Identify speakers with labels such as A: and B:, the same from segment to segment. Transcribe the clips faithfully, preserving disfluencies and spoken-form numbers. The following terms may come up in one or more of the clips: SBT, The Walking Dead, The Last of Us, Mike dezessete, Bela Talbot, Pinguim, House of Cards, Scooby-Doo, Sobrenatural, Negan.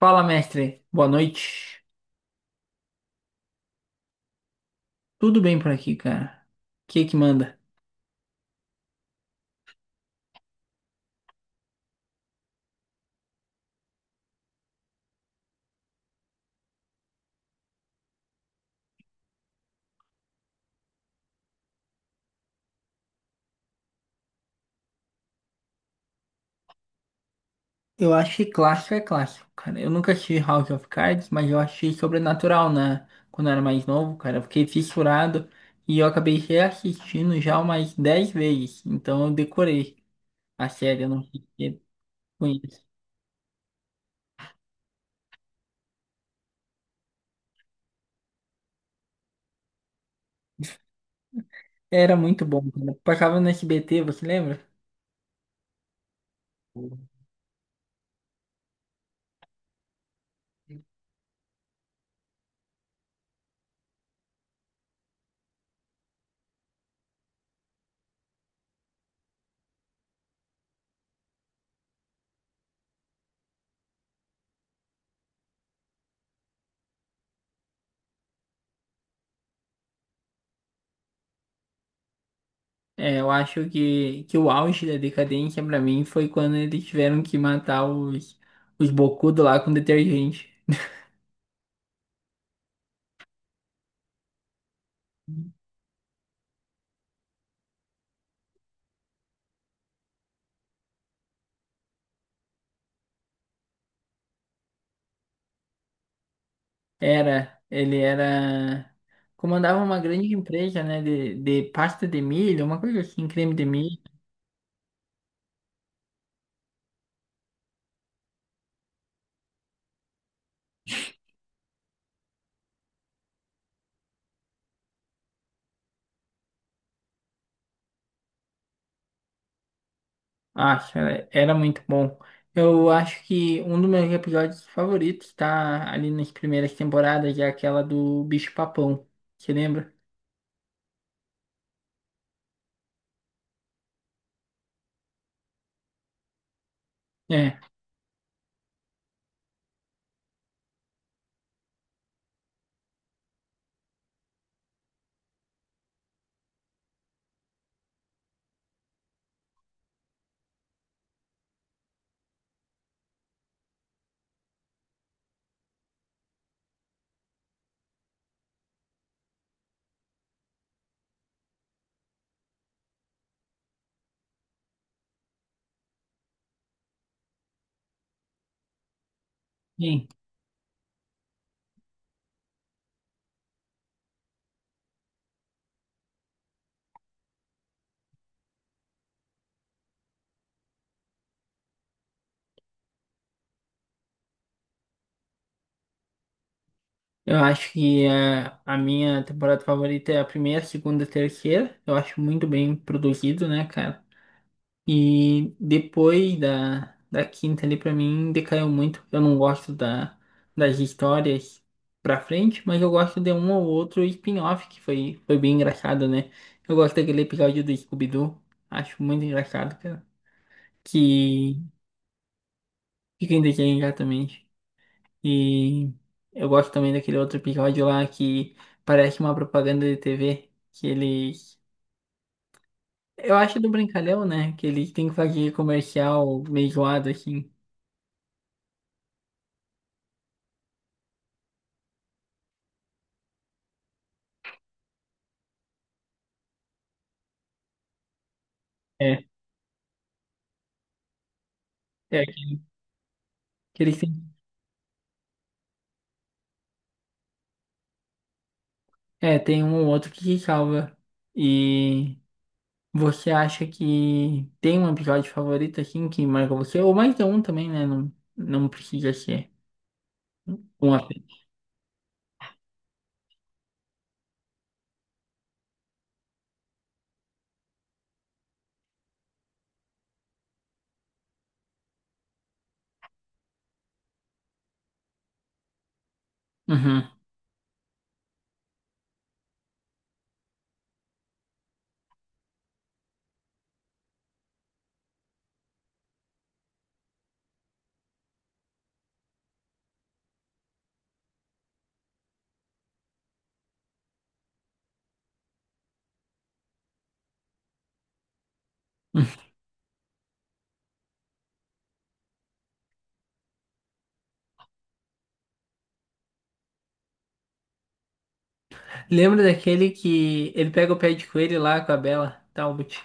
A: Fala, mestre. Boa noite. Tudo bem por aqui, cara? O que que manda? Eu acho que clássico é clássico, cara. Eu nunca assisti House of Cards, mas eu achei Sobrenatural, né? Quando eu era mais novo, cara, eu fiquei fissurado e eu acabei reassistindo já umas dez vezes. Então eu decorei a série, eu não sei se conheço. Era muito bom, cara. Passava no S B T, você lembra? É, eu acho que, que o auge da decadência pra mim foi quando eles tiveram que matar os, os bocudos lá com detergente. Era, ele era. Comandava uma grande empresa, né? De, de pasta de milho, uma coisa assim, creme de milho. Acho, era, era muito bom. Eu acho que um dos meus episódios favoritos tá ali nas primeiras temporadas, é aquela do bicho-papão. Você lembra? É. Sim. Eu acho que é, a minha temporada favorita é a primeira, segunda, terceira. Eu acho muito bem produzido, né, cara? E depois da, da quinta ali, pra mim, decaiu muito. Eu não gosto da, das histórias pra frente, mas eu gosto de um ou outro spin-off que foi, foi bem engraçado, né? Eu gosto daquele episódio do Scooby-Doo. Acho muito engraçado, cara. Que fica em desenho, exatamente. E eu gosto também daquele outro episódio lá que parece uma propaganda de T V, que ele. Eu acho do Brincalhão, né? Que ele tem que fazer comercial meio zoado, assim. É, é. Que ele tem... É, tem um ou outro que se salva. E você acha que tem um episódio favorito, assim, que marca você? Ou mais de um também, né? Não, não precisa ser um apenas. Uhum. Lembra daquele que ele pega o pé de coelho lá com a Bela Talbot?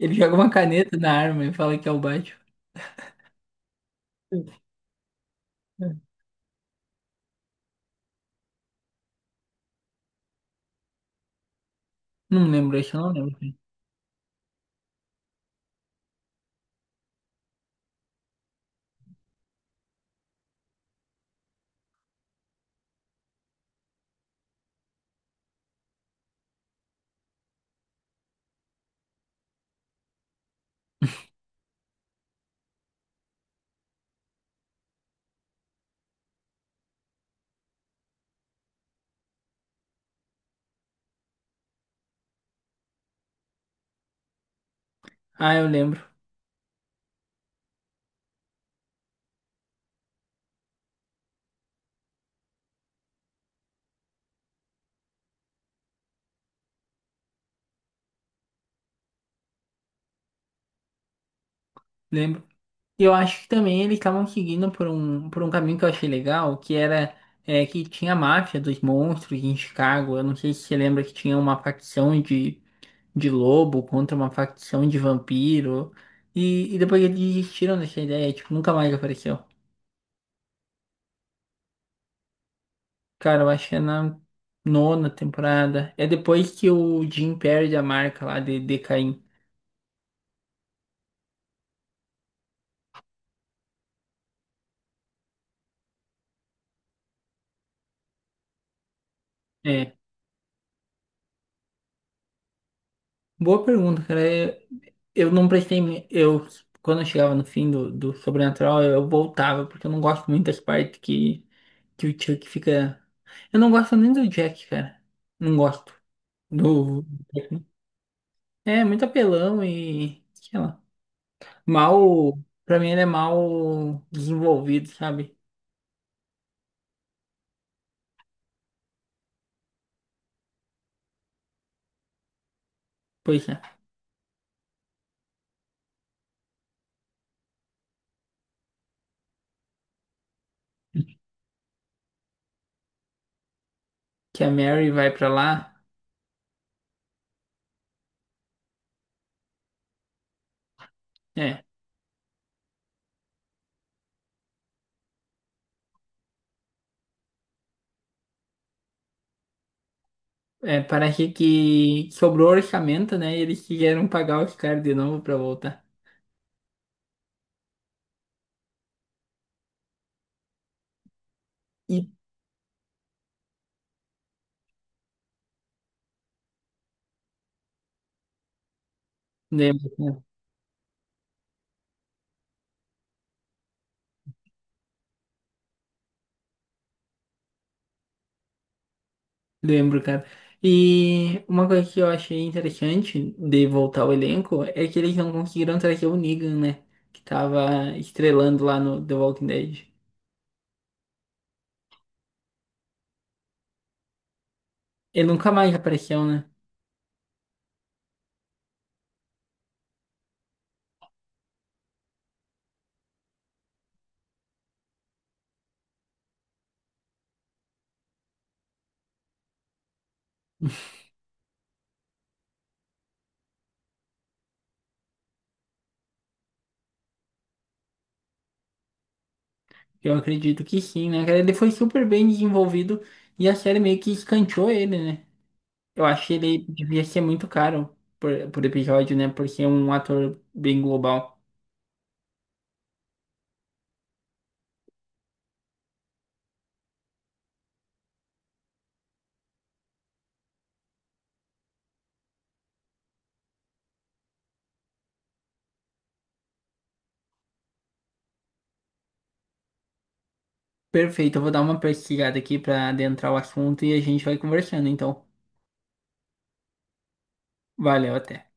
A: Ele joga uma caneta na arma e fala que é o Batman. Não lembro, acho que eu não lembro. Ah, eu lembro, lembro. E eu acho que também eles estavam seguindo por um, por um caminho que eu achei legal, que era é, que tinha a máfia dos monstros em Chicago. Eu não sei se você lembra que tinha uma facção de, de lobo contra uma facção de vampiro. E, e depois eles desistiram dessa ideia, tipo, nunca mais apareceu. Cara, eu acho que é na nona temporada. É depois que o Jim perde a marca lá de, de Caim. É, boa pergunta, cara. Eu, eu não prestei. me- Eu, quando eu chegava no fim do, do Sobrenatural, eu voltava, porque eu não gosto muito das partes que, que o Chuck fica. Eu não gosto nem do Jack, cara. Não gosto. Do... É muito apelão e. Sei lá. Mal. Pra mim, ele é mal desenvolvido, sabe? Pois é. Que a Mary vai pra lá. É. É, parece que sobrou orçamento, né? E eles quiseram pagar os caras de novo pra voltar. E lembro, cara. Lembro, cara. E uma coisa que eu achei interessante de voltar ao elenco é que eles não conseguiram trazer o Negan, né? Que tava estrelando lá no The Walking Dead. Ele nunca mais apareceu, né? Eu acredito que sim, né, cara? Ele foi super bem desenvolvido e a série meio que escanteou ele, né? Eu acho que ele devia ser muito caro por, por episódio, né? Por ser um ator bem global. Perfeito, eu vou dar uma pesquisada aqui pra adentrar o assunto e a gente vai conversando, então. Valeu, até.